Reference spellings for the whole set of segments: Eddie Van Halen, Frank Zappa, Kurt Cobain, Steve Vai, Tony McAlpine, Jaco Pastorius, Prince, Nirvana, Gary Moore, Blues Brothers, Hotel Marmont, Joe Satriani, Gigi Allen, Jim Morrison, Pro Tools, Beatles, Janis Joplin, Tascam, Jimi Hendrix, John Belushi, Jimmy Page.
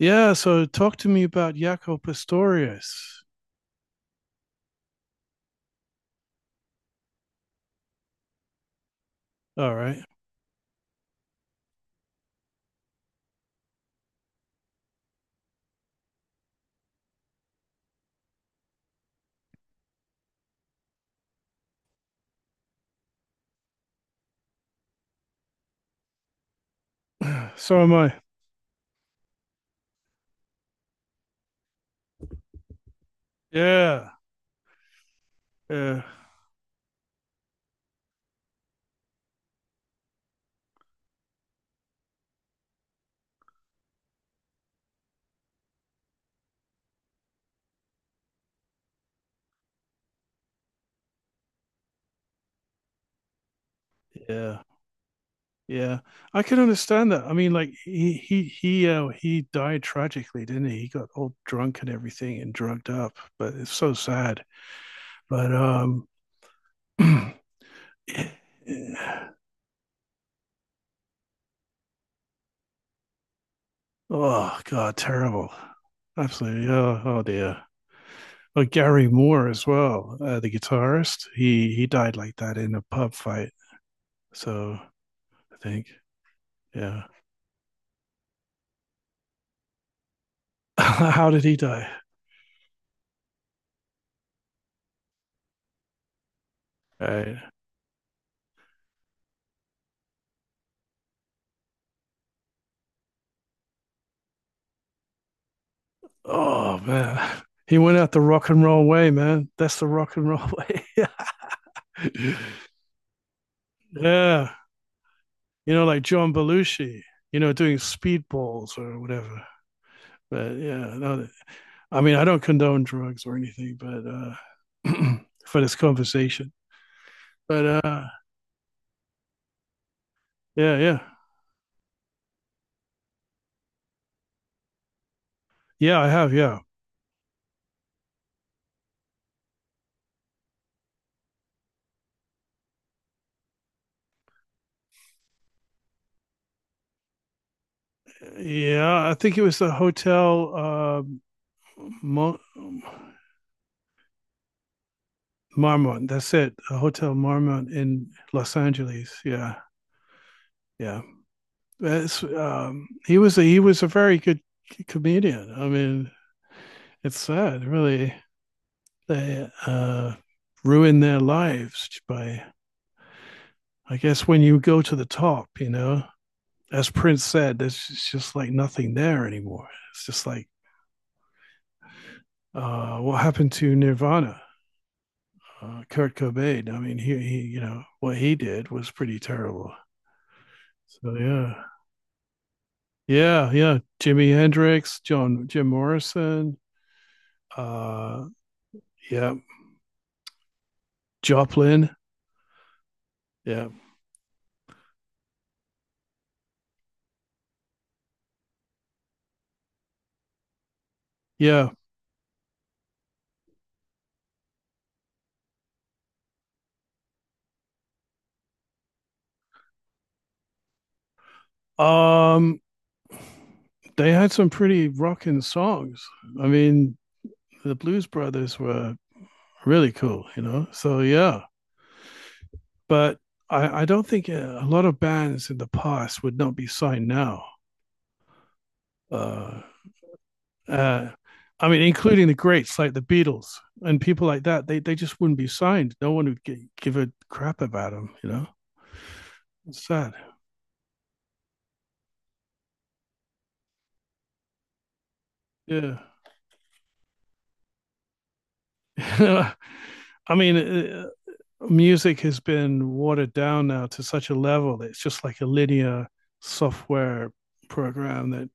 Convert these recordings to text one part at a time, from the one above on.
Yeah, so talk to me about Jaco Pastorius. All right. So am I. Yeah. Yeah. Yeah. Yeah. I can understand that. I mean, like he died tragically, didn't he? He got all drunk and everything and drugged up, but it's so sad. But oh God, terrible. Absolutely. Oh, oh dear. Oh, Gary Moore as well, the guitarist. He died like that in a pub fight. So I think yeah. How did he die? Right. Oh man. He went out the rock and roll way, man. That's the rock and roll way. Yeah. Yeah. You know, like John Belushi, you know, doing speedballs or whatever. But yeah, no, I mean, I don't condone drugs or anything, but for this conversation. But yeah, yeah. Yeah, I have. Yeah. Yeah. I think it was the hotel. Mon- Marmont. That's it. A Hotel Marmont in Los Angeles. Yeah, yeah. That's he was a very good comedian. I mean, it's sad, really. They ruin their lives by, I guess, when you go to the top. You know, as Prince said, there's just like nothing there anymore. It's just like what happened to Nirvana. Kurt Cobain. I mean, you know, what he did was pretty terrible. So yeah, yeah, yeah. Jimi Hendrix, John Jim Morrison, uh yeah, Joplin. Yeah. Yeah. Um they had some pretty rocking songs. I mean, the Blues Brothers were really cool, you know. So yeah, but I don't think a lot of bands in the past would not be signed now. Uh, uh, I mean, including the greats like the Beatles and people like that. They just wouldn't be signed. No one would give a crap about them, you know. Sad. Yeah. I mean, music has been watered down now to such a level that it's just like a linear software program that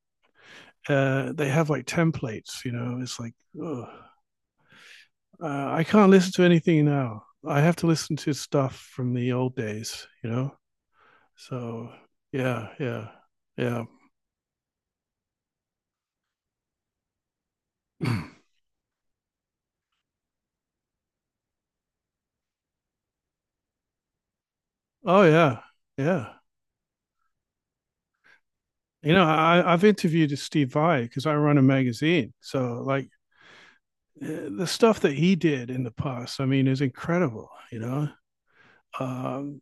they have like templates, you know, it's like, ugh. I can't listen to anything now. I have to listen to stuff from the old days, you know? So, yeah, yeah, yeah. Oh, yeah, yeah. I've interviewed Steve Vai because I run a magazine. So, like, the stuff that he did in the past, I mean, is incredible. You know, um,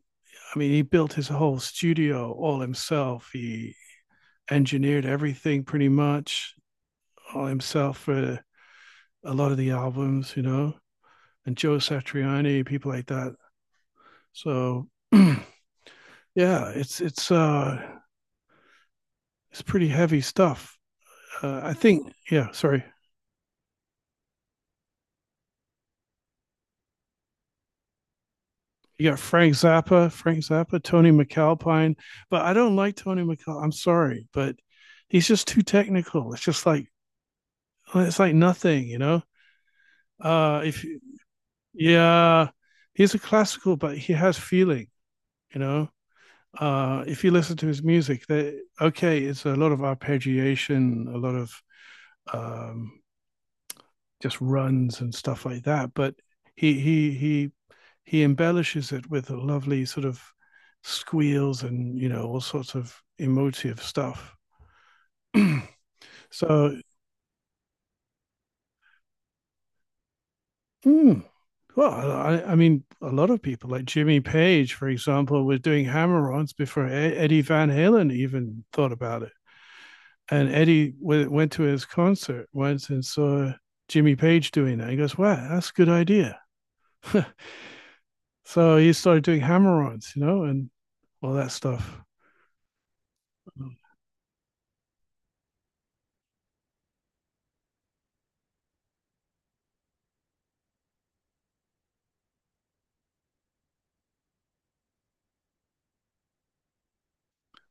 I mean, he built his whole studio all himself. He engineered everything pretty much all himself for a lot of the albums. You know, and Joe Satriani, people like that. So, yeah, it's it's uh, it's pretty heavy stuff. I think, yeah. Sorry. You got Frank Zappa, Tony McAlpine, but I don't like Tony McAlpine. I'm sorry, but he's just too technical. It's just like it's like nothing, you know. If yeah, he's a classical, but he has feeling, you know. If you listen to his music, that okay, it's a lot of arpeggiation, a lot of um, just runs and stuff like that, but he he he he embellishes it with a lovely sort of squeals and you know all sorts of emotive stuff. So, mm, well, I mean, a lot of people like Jimmy Page, for example, was doing hammer-ons before Eddie Van Halen even thought about it. And Eddie went to his concert once and saw Jimmy Page doing that. He goes, "Wow, that's a good idea." So he started doing hammer-ons, you know, and all that stuff.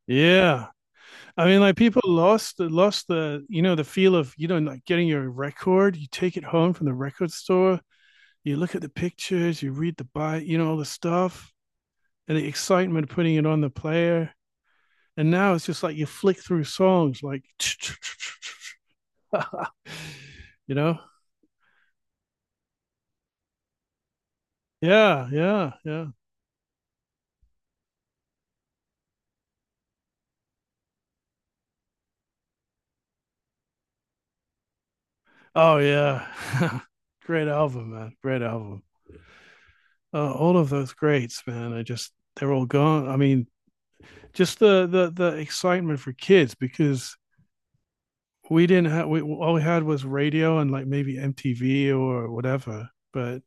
Yeah. I mean, like people lost the, you know, the feel of, you know, like getting your record, you take it home from the record store, you look at the pictures, you read the bite, you know, all the stuff and the excitement of putting it on the player. And now it's just like you flick through songs like, you know? Yeah, yeah, yeah. Oh yeah. Great album, man. Great album. All of those greats, man. I just they're all gone. I mean, just the excitement for kids because we didn't have we all we had was radio and like maybe MTV or whatever. But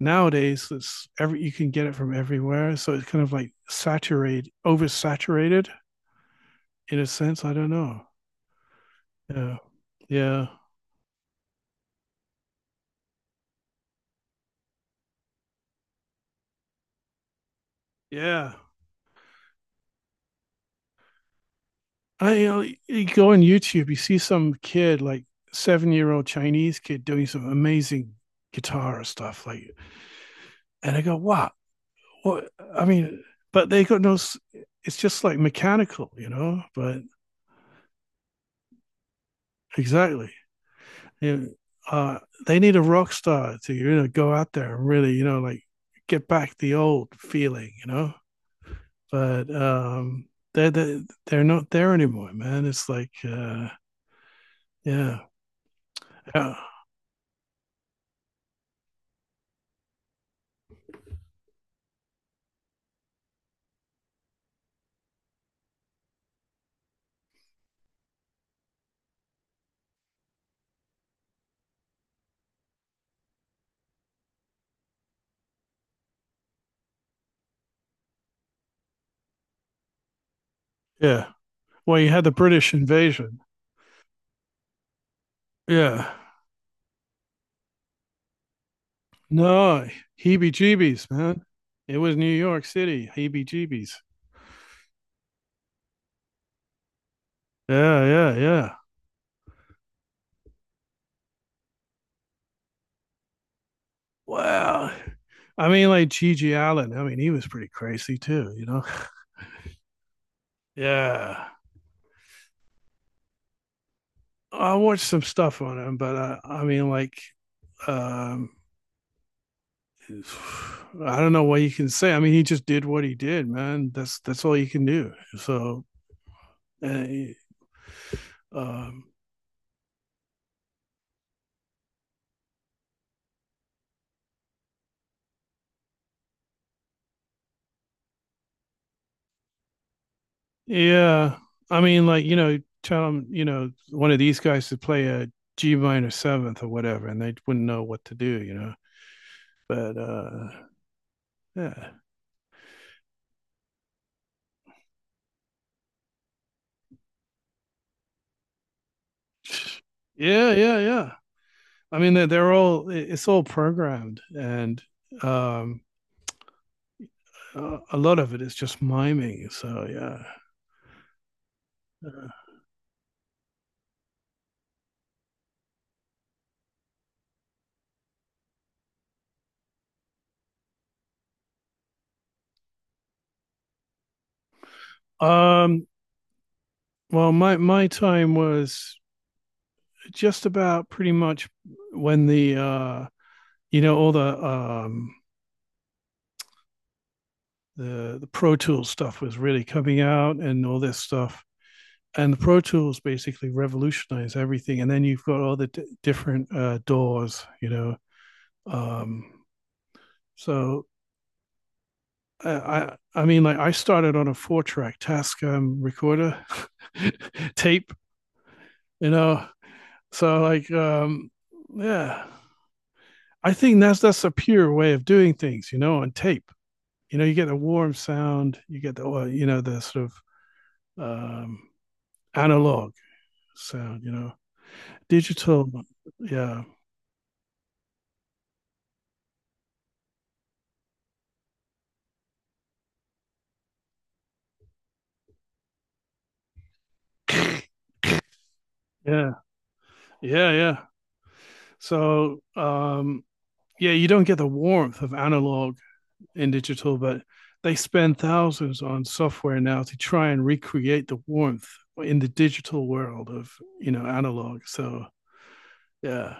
nowadays it's every you can get it from everywhere, so it's kind of like saturated, oversaturated in a sense. I don't know. Yeah. Yeah. Yeah. I you go on YouTube, you see some kid, like 7 year old Chinese kid, doing some amazing guitar stuff, like, and I go, "Wow, what?" I mean, but they got no. It's just like mechanical, you know. But exactly, you know, uh, they need a rock star to you know go out there and really, you know, like get back the old feeling, you know. But they're not there anymore, man. It's like, yeah, yeah, yeah. Well, you had the British invasion. Yeah. No, heebie jeebies, man. It was New York City, heebie jeebies. Yeah, yeah, yeah. Wow. I mean, like Gigi Allen. I mean, he was pretty crazy too, you know? Yeah. I watched some stuff on him, but I mean, like, um, I don't know what you can say. I mean, he just did what he did, man. That's all you can do. So, uh, um, yeah. I mean, like, you know, tell them, you know, one of these guys to play a G minor seventh or whatever, and they wouldn't know what to do, you know. But yeah. Yeah, yeah, yeah. I mean, they're all it's all programmed, and um, a lot of it is just miming. So yeah. Yeah. Well, my time was just about pretty much when the you know, all the Pro Tools stuff was really coming out and all this stuff. And the Pro Tools basically revolutionized everything. And then you've got all the different doors, you know. Um, so I mean like I started on a four track Tascam recorder tape, you know. So like yeah, I think that's a pure way of doing things, you know, on tape. You know, you get the warm sound, you get the well, you know the sort of um, analog sound, you know, digital. Yeah. Yeah. Yeah. Yeah. So, yeah, you don't get the warmth of analog in digital, but they spend thousands on software now to try and recreate the warmth in the digital world of, you know, analog. So, yeah.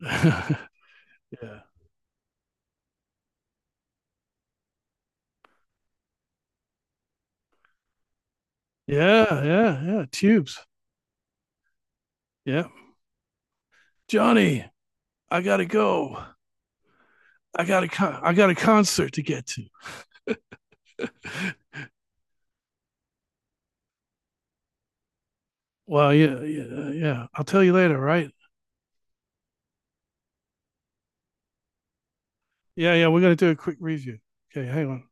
Yeah. Yeah. Yeah. Yeah. Tubes. Yeah. Johnny, I got to go. I got a I got a concert to get to. Well, yeah, yeah, yeah. I'll tell you later, right? Yeah, yeah, we're gonna do a quick review. Okay, hang on.